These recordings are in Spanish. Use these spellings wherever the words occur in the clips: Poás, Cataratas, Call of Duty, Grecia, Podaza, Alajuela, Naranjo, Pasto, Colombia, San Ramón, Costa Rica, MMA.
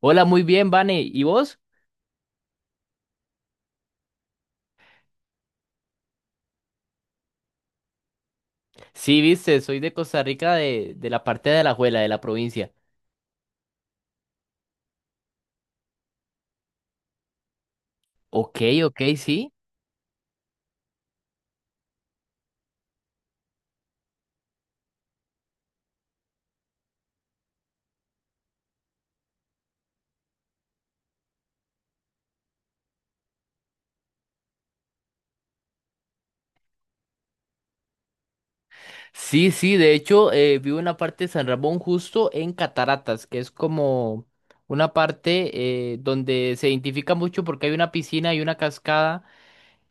Hola, muy bien, Vane. ¿Y vos? Sí, viste, soy de Costa Rica, de la parte de Alajuela, de la provincia. Ok, ok, sí. Sí, sí, de hecho, vivo en la parte de San Ramón, justo en Cataratas, que es como una parte donde se identifica mucho porque hay una piscina y una cascada.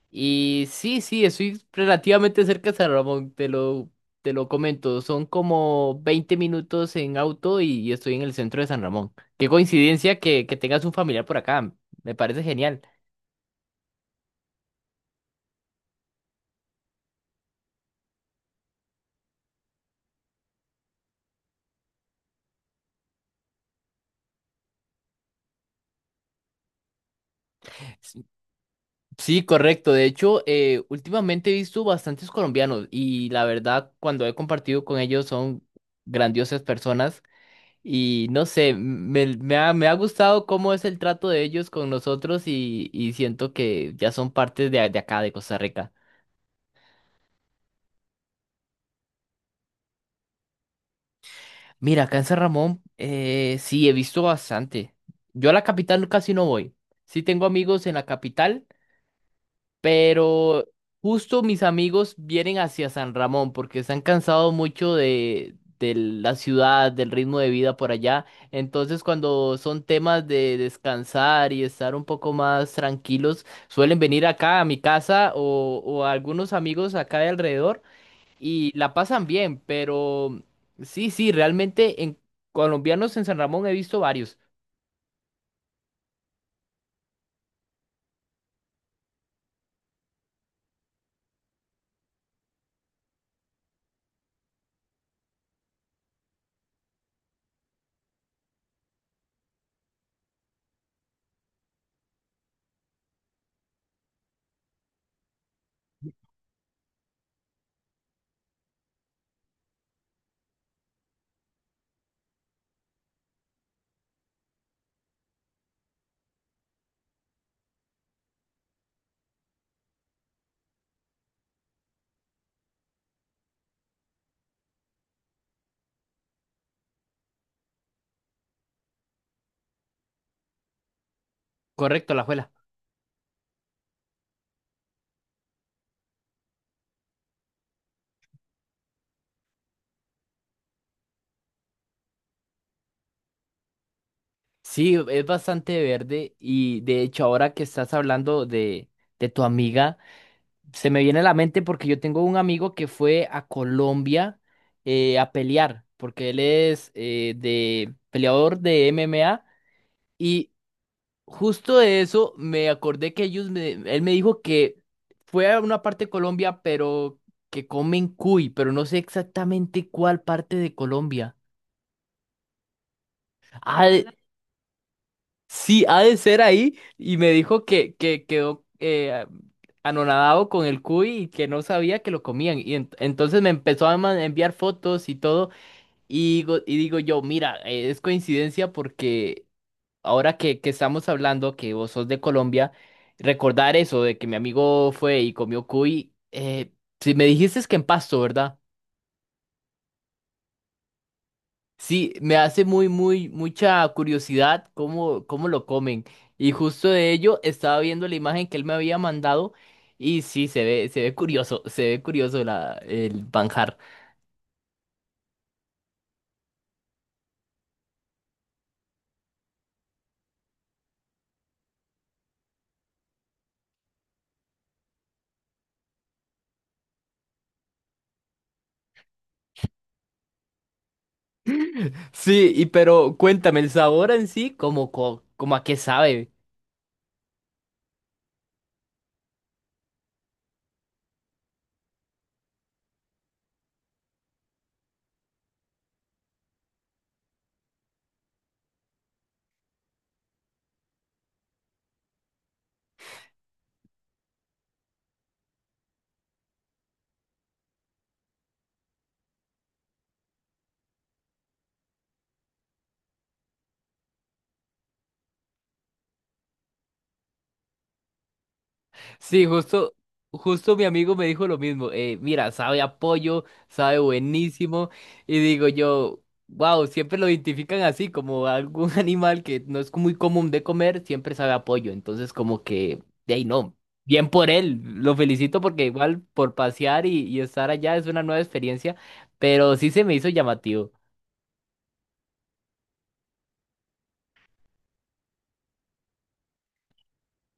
Y sí, sí, estoy relativamente cerca de San Ramón, te lo comento. Son como 20 minutos en auto y estoy en el centro de San Ramón. Qué coincidencia que tengas un familiar por acá. Me parece genial. S- Sí, correcto. De hecho, últimamente he visto bastantes colombianos y la verdad, cuando he compartido con ellos, son grandiosas personas. Y no sé, me ha gustado cómo es el trato de ellos con nosotros y siento que ya son parte de acá, de Costa Rica. Mira, acá en San Ramón, sí, he visto bastante. Yo a la capital casi no voy. Sí tengo amigos en la capital, pero justo mis amigos vienen hacia San Ramón porque se han cansado mucho de la ciudad, del ritmo de vida por allá. Entonces, cuando son temas de descansar y estar un poco más tranquilos, suelen venir acá a mi casa o a algunos amigos acá de alrededor y la pasan bien, pero sí, sí, realmente en colombianos en San Ramón he visto varios. Correcto, la juela. Sí, es bastante verde y de hecho ahora que estás hablando de tu amiga, se me viene a la mente porque yo tengo un amigo que fue a Colombia a pelear, porque él es de peleador de MMA y justo de eso me acordé que él me dijo que fue a una parte de Colombia, pero que comen cuy, pero no sé exactamente cuál parte de Colombia. Ha de- sí, ha de ser ahí, y me dijo que quedó anonadado con el cuy y que no sabía que lo comían. Y entonces me empezó a enviar fotos y todo, y digo yo, mira, es coincidencia porque ahora que estamos hablando, que vos sos de Colombia, recordar eso de que mi amigo fue y comió cuy, si me dijiste es que en Pasto, ¿verdad? Sí, me hace mucha curiosidad cómo lo comen. Y justo de ello estaba viendo la imagen que él me había mandado y sí, se ve curioso la, el manjar. Sí, y pero cuéntame, el sabor en sí, como, como a qué sabe. Sí, justo mi amigo me dijo lo mismo. Mira, sabe a pollo, sabe buenísimo. Y digo yo, wow, siempre lo identifican así, como algún animal que no es muy común de comer, siempre sabe a pollo. Entonces, como que, de ahí no. Bien por él, lo felicito porque igual por pasear y estar allá es una nueva experiencia, pero sí se me hizo llamativo.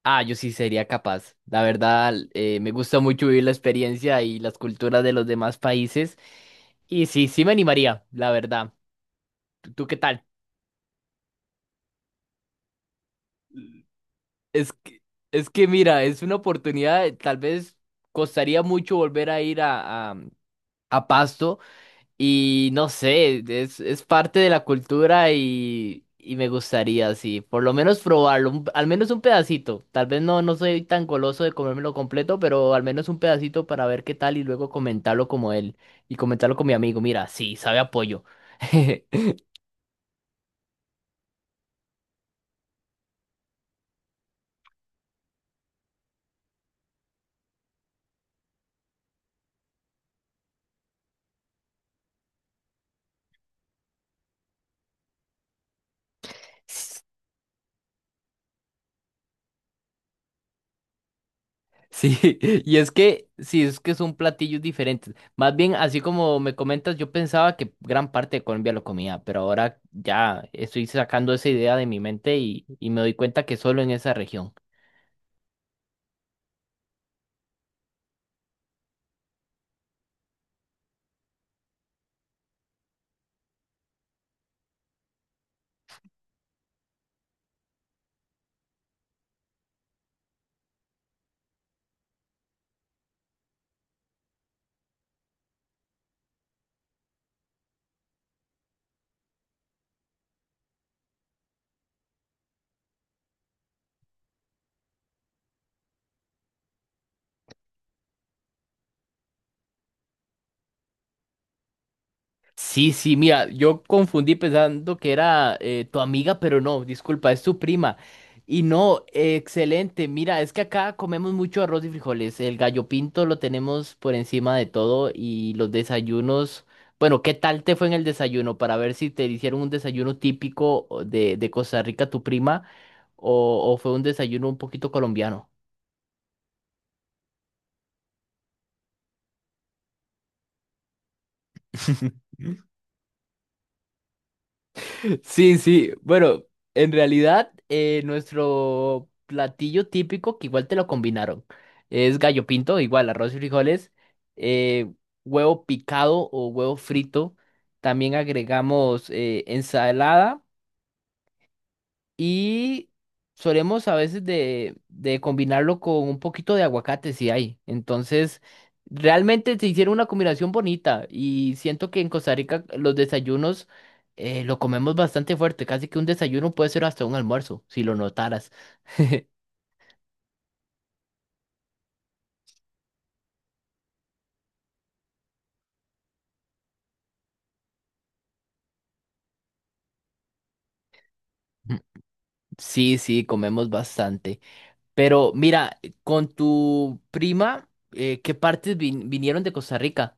Ah, yo sí sería capaz. La verdad, me gusta mucho vivir la experiencia y las culturas de los demás países. Y sí, sí me animaría, la verdad. ¿Tú, tú qué tal? Es que, es que mira, es una oportunidad, tal vez costaría mucho volver a ir a Pasto. Y no sé, es parte de la cultura y me gustaría, sí, por lo menos probarlo, al menos un pedacito. Tal vez no, no soy tan goloso de comérmelo completo, pero al menos un pedacito para ver qué tal y luego comentarlo como él y comentarlo con mi amigo. Mira, sí, sabe apoyo. Sí, sí, es que son platillos diferentes. Más bien, así como me comentas, yo pensaba que gran parte de Colombia lo comía, pero ahora ya estoy sacando esa idea de mi mente y me doy cuenta que solo en esa región. Sí, sí, mira, yo confundí pensando que era tu amiga, pero no, disculpa, es tu prima. Y no, excelente, mira, es que acá comemos mucho arroz y frijoles, el gallo pinto lo tenemos por encima de todo y los desayunos, bueno, ¿qué tal te fue en el desayuno? Para ver si te hicieron un desayuno típico o de Costa Rica, tu prima, o fue un desayuno un poquito colombiano. Sí, sí. Bueno, en realidad, nuestro platillo típico, que igual te lo combinaron, es gallo pinto, igual arroz y frijoles, eh, huevo picado o huevo frito. También agregamos ensalada. Y solemos a veces de combinarlo con un poquito de aguacate si hay. Entonces, realmente se hicieron una combinación bonita y siento que en Costa Rica los desayunos lo comemos bastante fuerte. Casi que un desayuno puede ser hasta un almuerzo, si lo notaras. Sí, sí, comemos bastante. Pero mira, con tu prima, ¿qué partes vinieron de Costa Rica?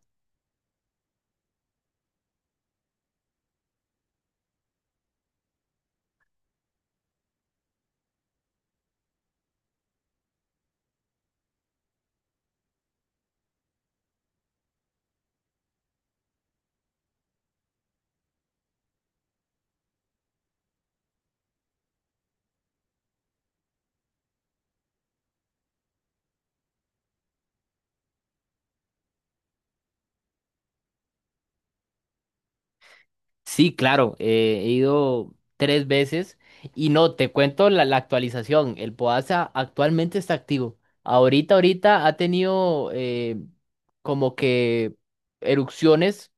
Sí, claro, he ido 3 veces y no, te cuento la actualización. El Podaza actualmente está activo. Ahorita ha tenido como que erupciones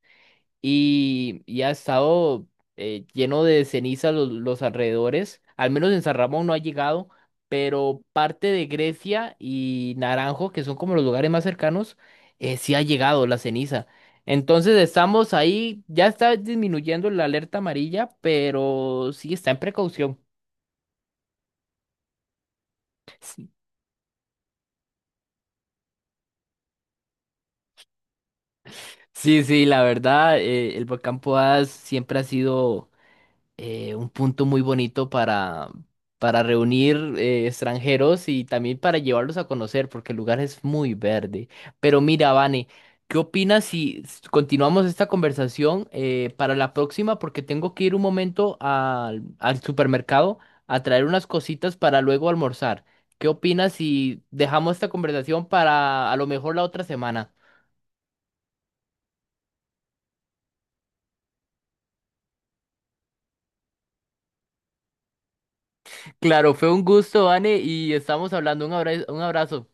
y ha estado lleno de ceniza los alrededores. Al menos en San Ramón no ha llegado, pero parte de Grecia y Naranjo, que son como los lugares más cercanos, sí ha llegado la ceniza. Entonces estamos ahí, ya está disminuyendo la alerta amarilla, pero sí está en precaución. Sí, sí, la verdad, el volcán Poás siempre ha sido un punto muy bonito para reunir extranjeros y también para llevarlos a conocer, porque el lugar es muy verde. Pero mira, Vane, ¿qué opinas si continuamos esta conversación para la próxima? Porque tengo que ir un momento al supermercado a traer unas cositas para luego almorzar. ¿Qué opinas si dejamos esta conversación para a lo mejor la otra semana? Claro, fue un gusto, Vane, y estamos hablando. Un abrazo, un abrazo.